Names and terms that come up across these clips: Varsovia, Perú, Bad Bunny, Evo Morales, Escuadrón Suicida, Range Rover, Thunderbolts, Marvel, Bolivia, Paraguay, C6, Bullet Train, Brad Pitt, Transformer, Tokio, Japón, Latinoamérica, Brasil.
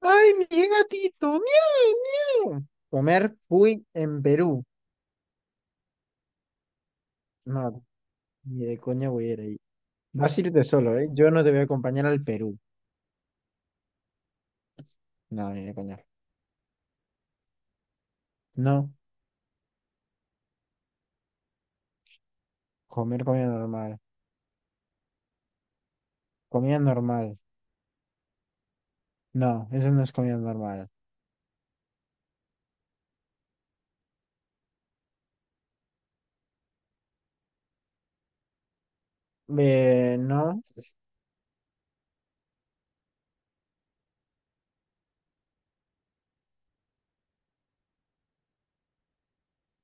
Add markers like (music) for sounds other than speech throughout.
Ay, mi gatito, miau, miau. Comer cuy en Perú. No, ni de coña voy a ir ahí. Vas a irte solo, ¿eh? Yo no te voy a acompañar al Perú. No, ni de coña. No, comer comida normal. Comida normal. No, eso no es comida normal. No,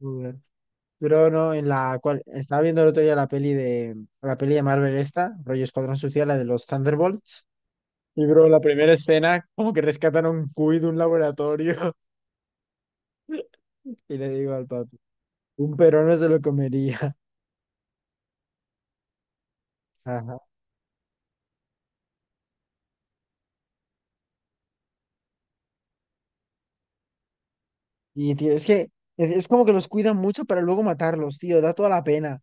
joder. Pero no, en la cual estaba viendo el otro día la peli de Marvel esta, rollo Escuadrón Suicida, la de los Thunderbolts. Y bro, la primera escena, como que rescatan a un cuy de un laboratorio. (laughs) Y le digo al papi. Un peruano se lo comería. (laughs) Ajá. Y, tío, es que es como que los cuidan mucho para luego matarlos, tío. Da toda la pena.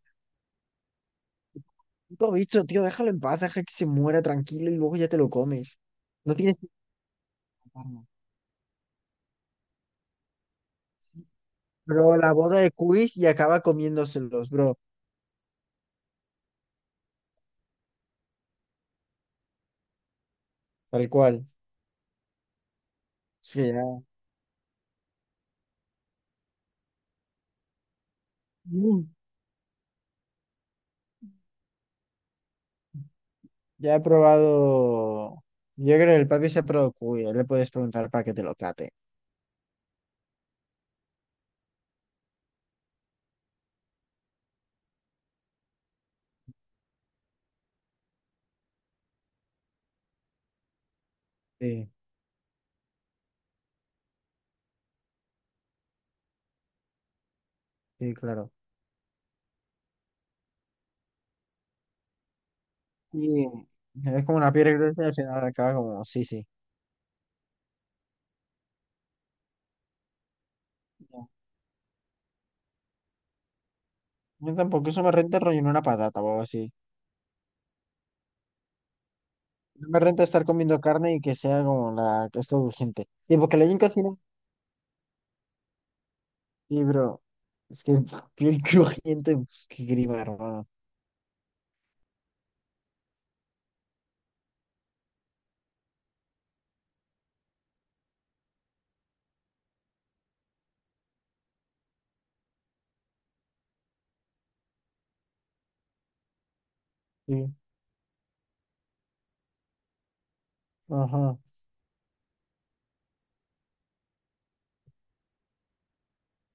Puto bicho, tío, déjalo en paz, deja que se muera tranquilo y luego ya te lo comes. No tienes que matarlo. Bro, la boda de Quiz y acaba comiéndoselos, bro. Tal cual. Es que ya. Mm, ya he probado. Yo creo que el papi se ha probado cuy. Le puedes preguntar para que te lo cate. Sí, sí, claro. Y es como una piedra gruesa y al final acaba como, sí, sí. Yo tampoco, eso me renta rellenar una patata o algo así. No me renta estar comiendo carne y que sea como la que es todo urgente. Y porque la en cocina, y bro, es que (laughs) piel crujiente, pf, qué grima, hermano. Sí, ajá,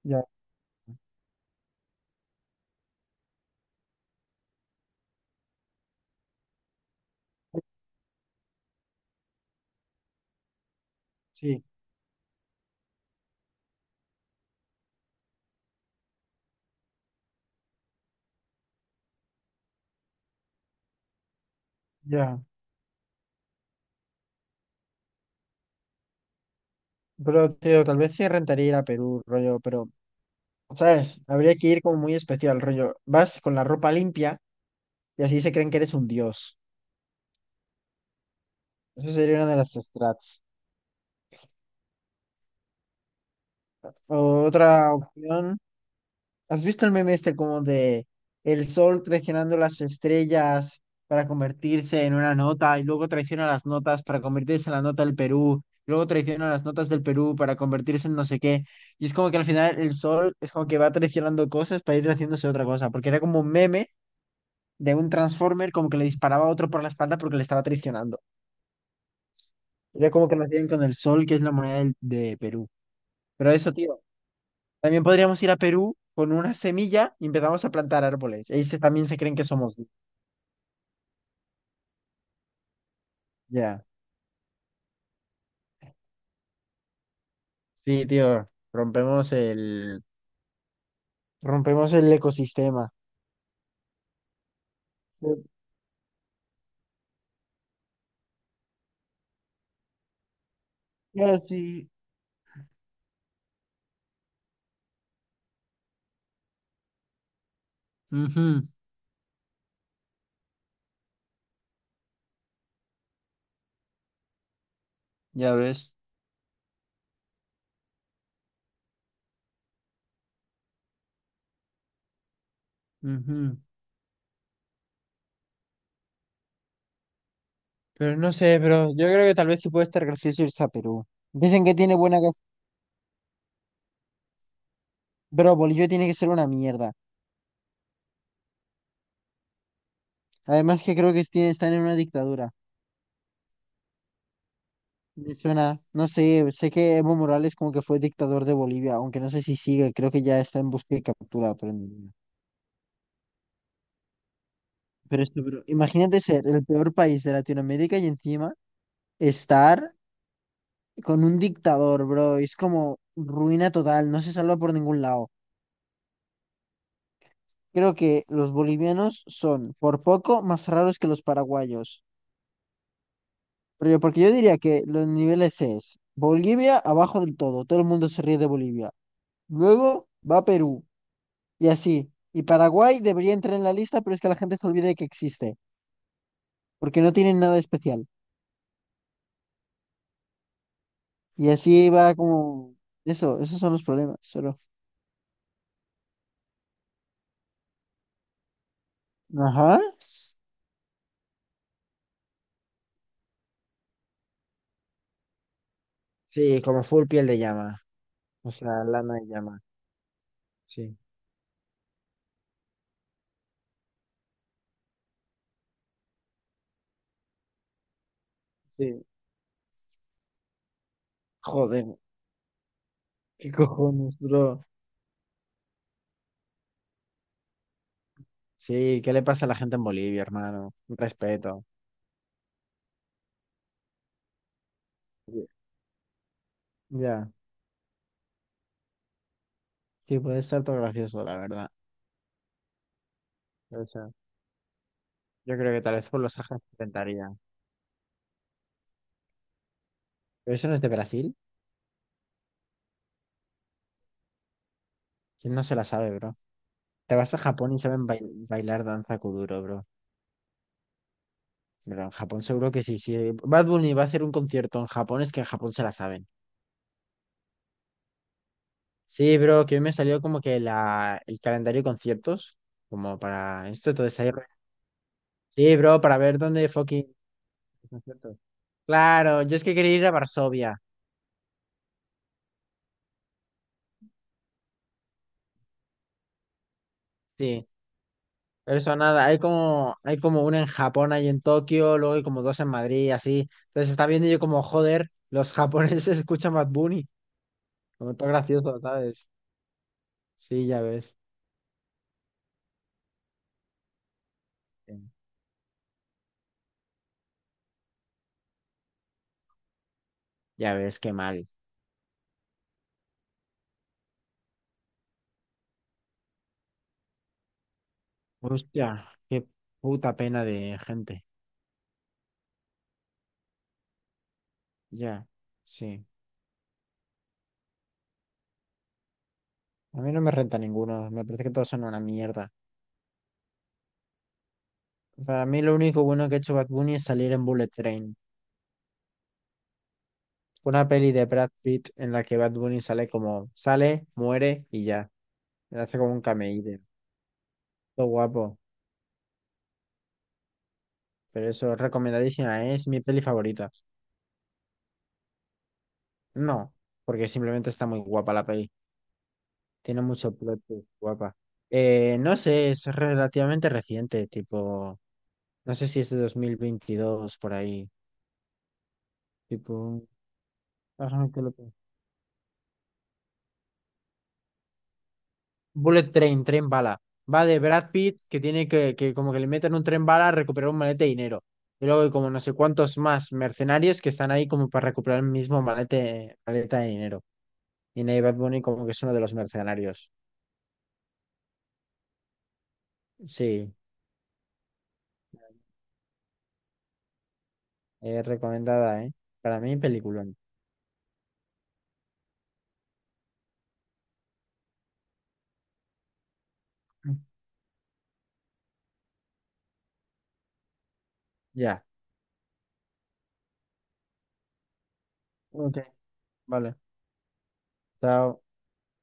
ya, sí, ya. Pero, tío, tal vez sí rentaría ir a Perú, rollo, pero, ¿sabes? Habría que ir como muy especial, rollo. Vas con la ropa limpia y así se creen que eres un dios. Eso sería una de las strats. Otra opción. ¿Has visto el meme este como de el sol traicionando las estrellas para convertirse en una nota y luego traiciona las notas para convertirse en la nota del Perú, luego traiciona las notas del Perú para convertirse en no sé qué? Y es como que al final el sol es como que va traicionando cosas para ir haciéndose otra cosa, porque era como un meme de un Transformer como que le disparaba a otro por la espalda porque le estaba traicionando. Era como que nos dieron con el sol, que es la moneda del- de Perú. Pero eso, tío. También podríamos ir a Perú con una semilla y empezamos a plantar árboles. Ahí se- también se creen que somos. Ya. Sí, tío. Rompemos el ecosistema. Pero sí. Ujú, ya ves. Ujú. Pero no sé, bro. Yo creo que tal vez sí puede estar gracioso irse a Perú. Dicen que tiene buena gas. Bro, Bolivia tiene que ser una mierda. Además que creo que tiene- están en una dictadura. Me suena, no sé, sé que Evo Morales como que fue dictador de Bolivia, aunque no sé si sigue, creo que ya está en busca y captura, pero, ni- pero esto, pero imagínate ser el peor país de Latinoamérica y encima estar con un dictador, bro, es como ruina total, no se salva por ningún lado. Creo que los bolivianos son por poco más raros que los paraguayos, pero yo, porque yo diría que los niveles es Bolivia abajo del todo, todo el mundo se ríe de Bolivia. Luego va Perú. Y así. Y Paraguay debería entrar en la lista, pero es que la gente se olvida de que existe, porque no tienen nada especial. Y así va como... Eso, esos son los problemas, solo. Ajá. Sí, como full piel de llama. O sea, lana de llama. Sí. Sí. Joder, qué cojones, bro. Sí, ¿qué le pasa a la gente en Bolivia, hermano? Respeto. Sí. Ya, sí, puede estar todo gracioso, la verdad. O sea, yo creo que tal vez por los Sajas intentaría. ¿Pero eso no es de Brasil? ¿Quién no se la sabe, bro? Te vas a Japón y saben bailar danza kuduro, bro. Pero en Japón seguro que sí. Si Bad Bunny va a hacer un concierto en Japón, es que en Japón se la saben. Sí, bro, que hoy me salió como que el calendario de conciertos, como para esto, entonces ahí... Sí, bro, para ver dónde fucking... conciertos. Claro, yo es que quería ir a Varsovia. Sí, pero eso nada, hay como una en Japón, hay en Tokio, luego hay como dos en Madrid, y así. Entonces está viendo yo como, joder, los japoneses (laughs) escuchan Bad Bunny. Como todo gracioso, ¿sabes? Sí, ya ves. Ya ves, qué mal. Hostia, qué puta pena de gente. Ya, sí. A mí no me renta ninguno, me parece que todos son una mierda. Para mí lo único bueno que ha hecho Bad Bunny es salir en Bullet Train. Una peli de Brad Pitt en la que Bad Bunny sale como, sale, muere y ya. Le hace como un cameíde. Todo guapo. Pero eso, recomendadísima, ¿eh? Es mi peli favorita. No, porque simplemente está muy guapa la peli. Tiene mucho plot, twist, guapa. No sé, es relativamente reciente, tipo. No sé si es de 2022 por ahí. Tipo, ajá, ¿qué lo que- Bullet Train, tren bala. Va de Brad Pitt que tiene que como que le meten un tren bala a recuperar un malete de dinero. Y luego hay como no sé cuántos más mercenarios que están ahí como para recuperar el mismo malete, maleta de dinero. Y Nate Bad Bunny como que es uno de los mercenarios. Sí, recomendada, ¿eh? Para mí, peliculón. Ya. Ok, vale. Chao.